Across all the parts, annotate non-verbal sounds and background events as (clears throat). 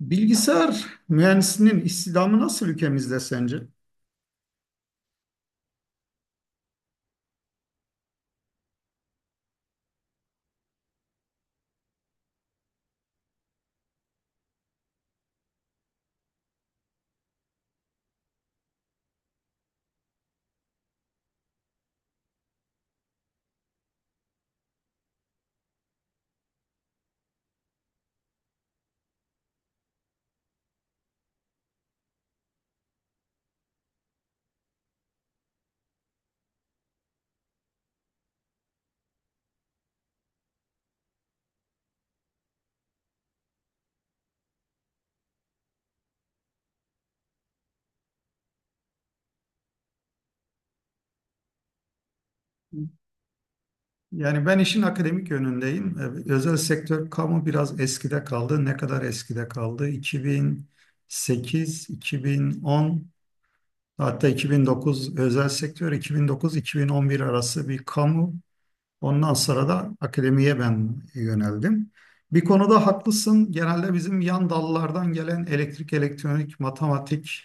Bilgisayar mühendisinin istihdamı nasıl ülkemizde sence? Yani ben işin akademik yönündeyim. Özel sektör kamu biraz eskide kaldı. Ne kadar eskide kaldı? 2008, 2010, hatta 2009 özel sektör, 2009-2011 arası bir kamu. Ondan sonra da akademiye ben yöneldim. Bir konuda haklısın. Genelde bizim yan dallardan gelen elektrik, elektronik, matematik,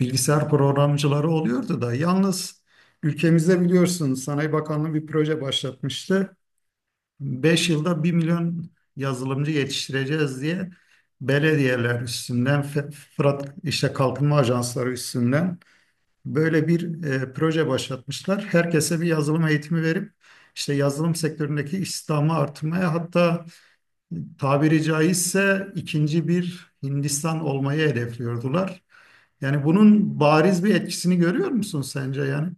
bilgisayar programcıları oluyordu da. Yalnız ülkemizde biliyorsunuz Sanayi Bakanlığı bir proje başlatmıştı. 5 yılda bir milyon yazılımcı yetiştireceğiz diye belediyeler üstünden, Fırat işte kalkınma ajansları üstünden. Böyle bir proje başlatmışlar. Herkese bir yazılım eğitimi verip işte yazılım sektöründeki istihdamı artırmaya, hatta tabiri caizse ikinci bir Hindistan olmayı hedefliyordular. Yani bunun bariz bir etkisini görüyor musun sence yani?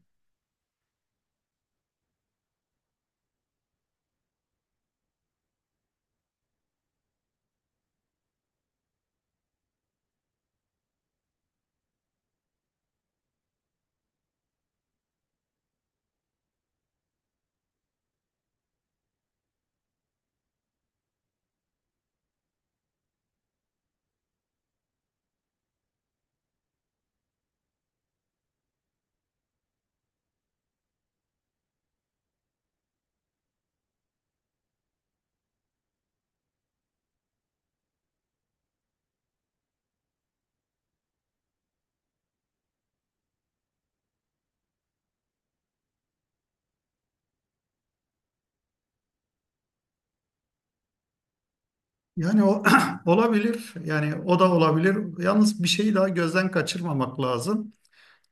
Yani o (clears throat) olabilir. Yani o da olabilir. Yalnız bir şeyi daha gözden kaçırmamak lazım.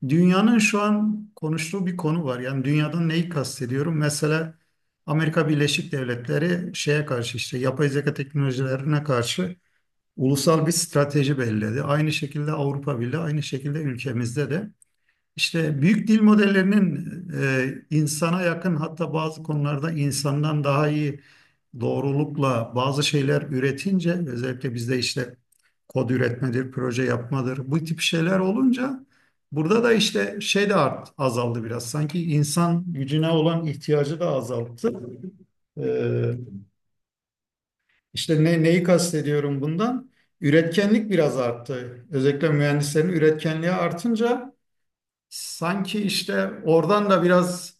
Dünyanın şu an konuştuğu bir konu var. Yani dünyadan neyi kastediyorum? Mesela Amerika Birleşik Devletleri şeye karşı, işte yapay zeka teknolojilerine karşı ulusal bir strateji belirledi. Aynı şekilde Avrupa Birliği, aynı şekilde ülkemizde de. İşte büyük dil modellerinin insana yakın, hatta bazı konularda insandan daha iyi doğrulukla bazı şeyler üretince, özellikle bizde işte kod üretmedir, proje yapmadır, bu tip şeyler olunca burada da işte azaldı biraz. Sanki insan gücüne olan ihtiyacı da azalttı. Ee, işte neyi kastediyorum bundan? Üretkenlik biraz arttı. Özellikle mühendislerin üretkenliği artınca sanki işte oradan da biraz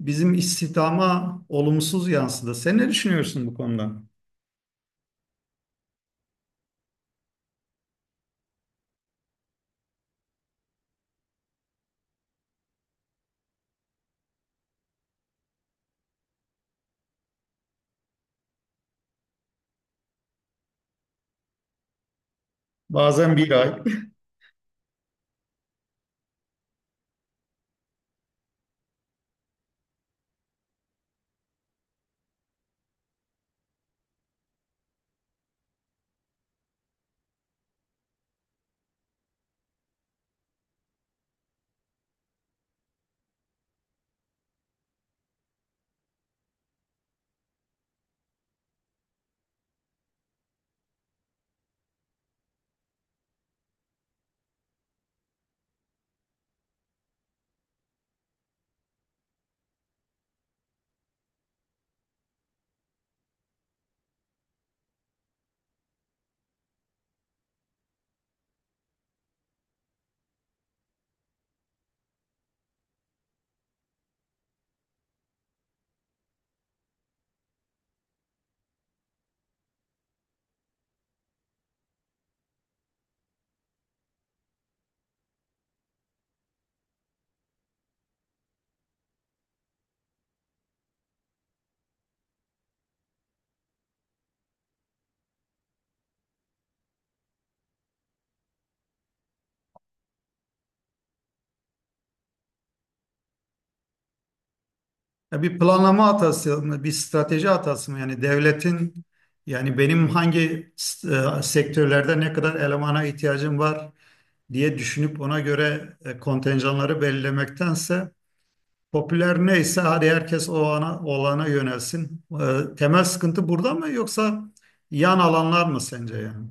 bizim istihdama olumsuz yansıdı. Sen ne düşünüyorsun bu konuda? Bazen bir ay. Ya bir planlama hatası mı, bir strateji hatası mı? Yani devletin, yani benim hangi sektörlerde ne kadar elemana ihtiyacım var diye düşünüp ona göre kontenjanları belirlemektense popüler neyse hadi herkes olana yönelsin. Temel sıkıntı burada mı yoksa yan alanlar mı sence yani?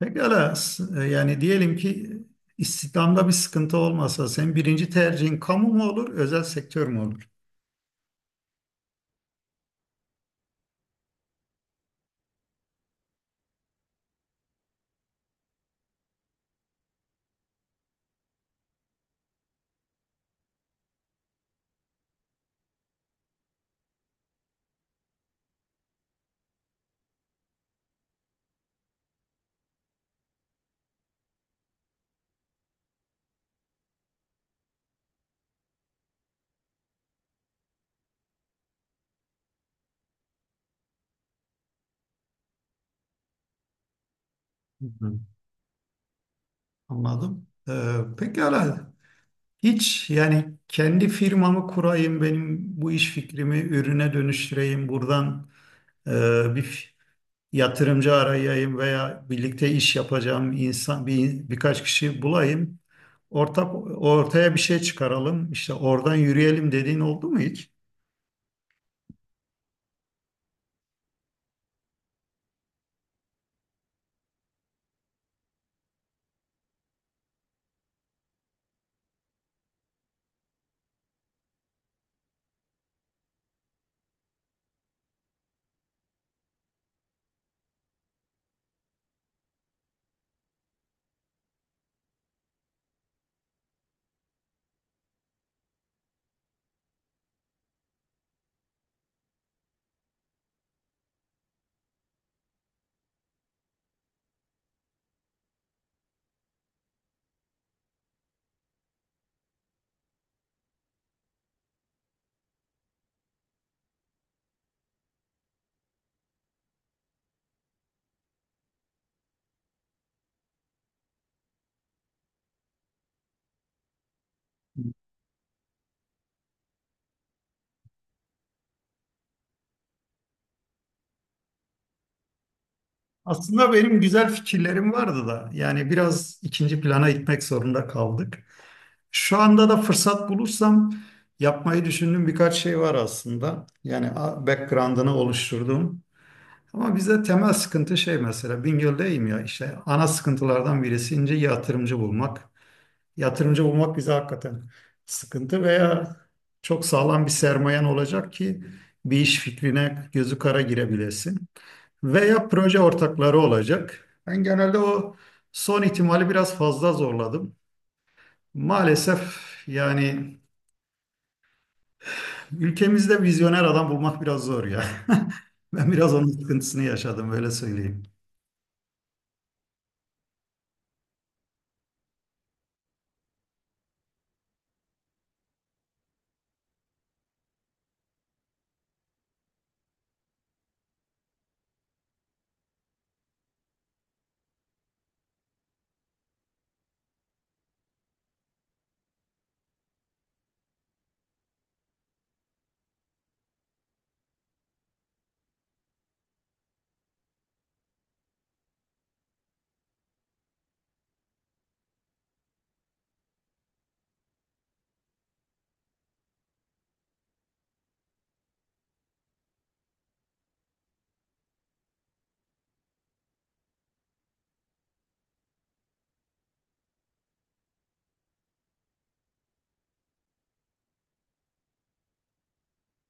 Pekala, yani diyelim ki istihdamda bir sıkıntı olmasa senin birinci tercihin kamu mu olur, özel sektör mü olur? Hı hı. Anladım. Pekala. Hiç yani kendi firmamı kurayım, benim bu iş fikrimi ürüne dönüştüreyim, buradan e, bir yatırımcı arayayım veya birlikte iş yapacağım insan birkaç kişi bulayım. Ortak ortaya bir şey çıkaralım, işte oradan yürüyelim dediğin oldu mu hiç? Aslında benim güzel fikirlerim vardı da, yani biraz ikinci plana itmek zorunda kaldık. Şu anda da fırsat bulursam yapmayı düşündüğüm birkaç şey var aslında. Yani background'ını oluşturdum. Ama bize temel sıkıntı şey, mesela Bingöl'deyim ya, işte ana sıkıntılardan birisi ince yatırımcı bulmak. Yatırımcı bulmak bize hakikaten sıkıntı, veya çok sağlam bir sermayen olacak ki bir iş fikrine gözü kara girebilesin. Veya proje ortakları olacak. Ben genelde o son ihtimali biraz fazla zorladım. Maalesef yani ülkemizde vizyoner adam bulmak biraz zor ya. (laughs) Ben biraz onun sıkıntısını yaşadım, öyle söyleyeyim.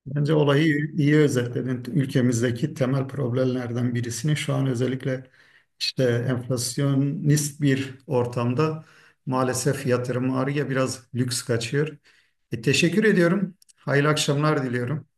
Bence olayı iyi özetledin. Ülkemizdeki temel problemlerden birisini şu an özellikle işte enflasyonist bir ortamda maalesef yatırım ağrıya biraz lüks kaçıyor. Teşekkür ediyorum. Hayırlı akşamlar diliyorum.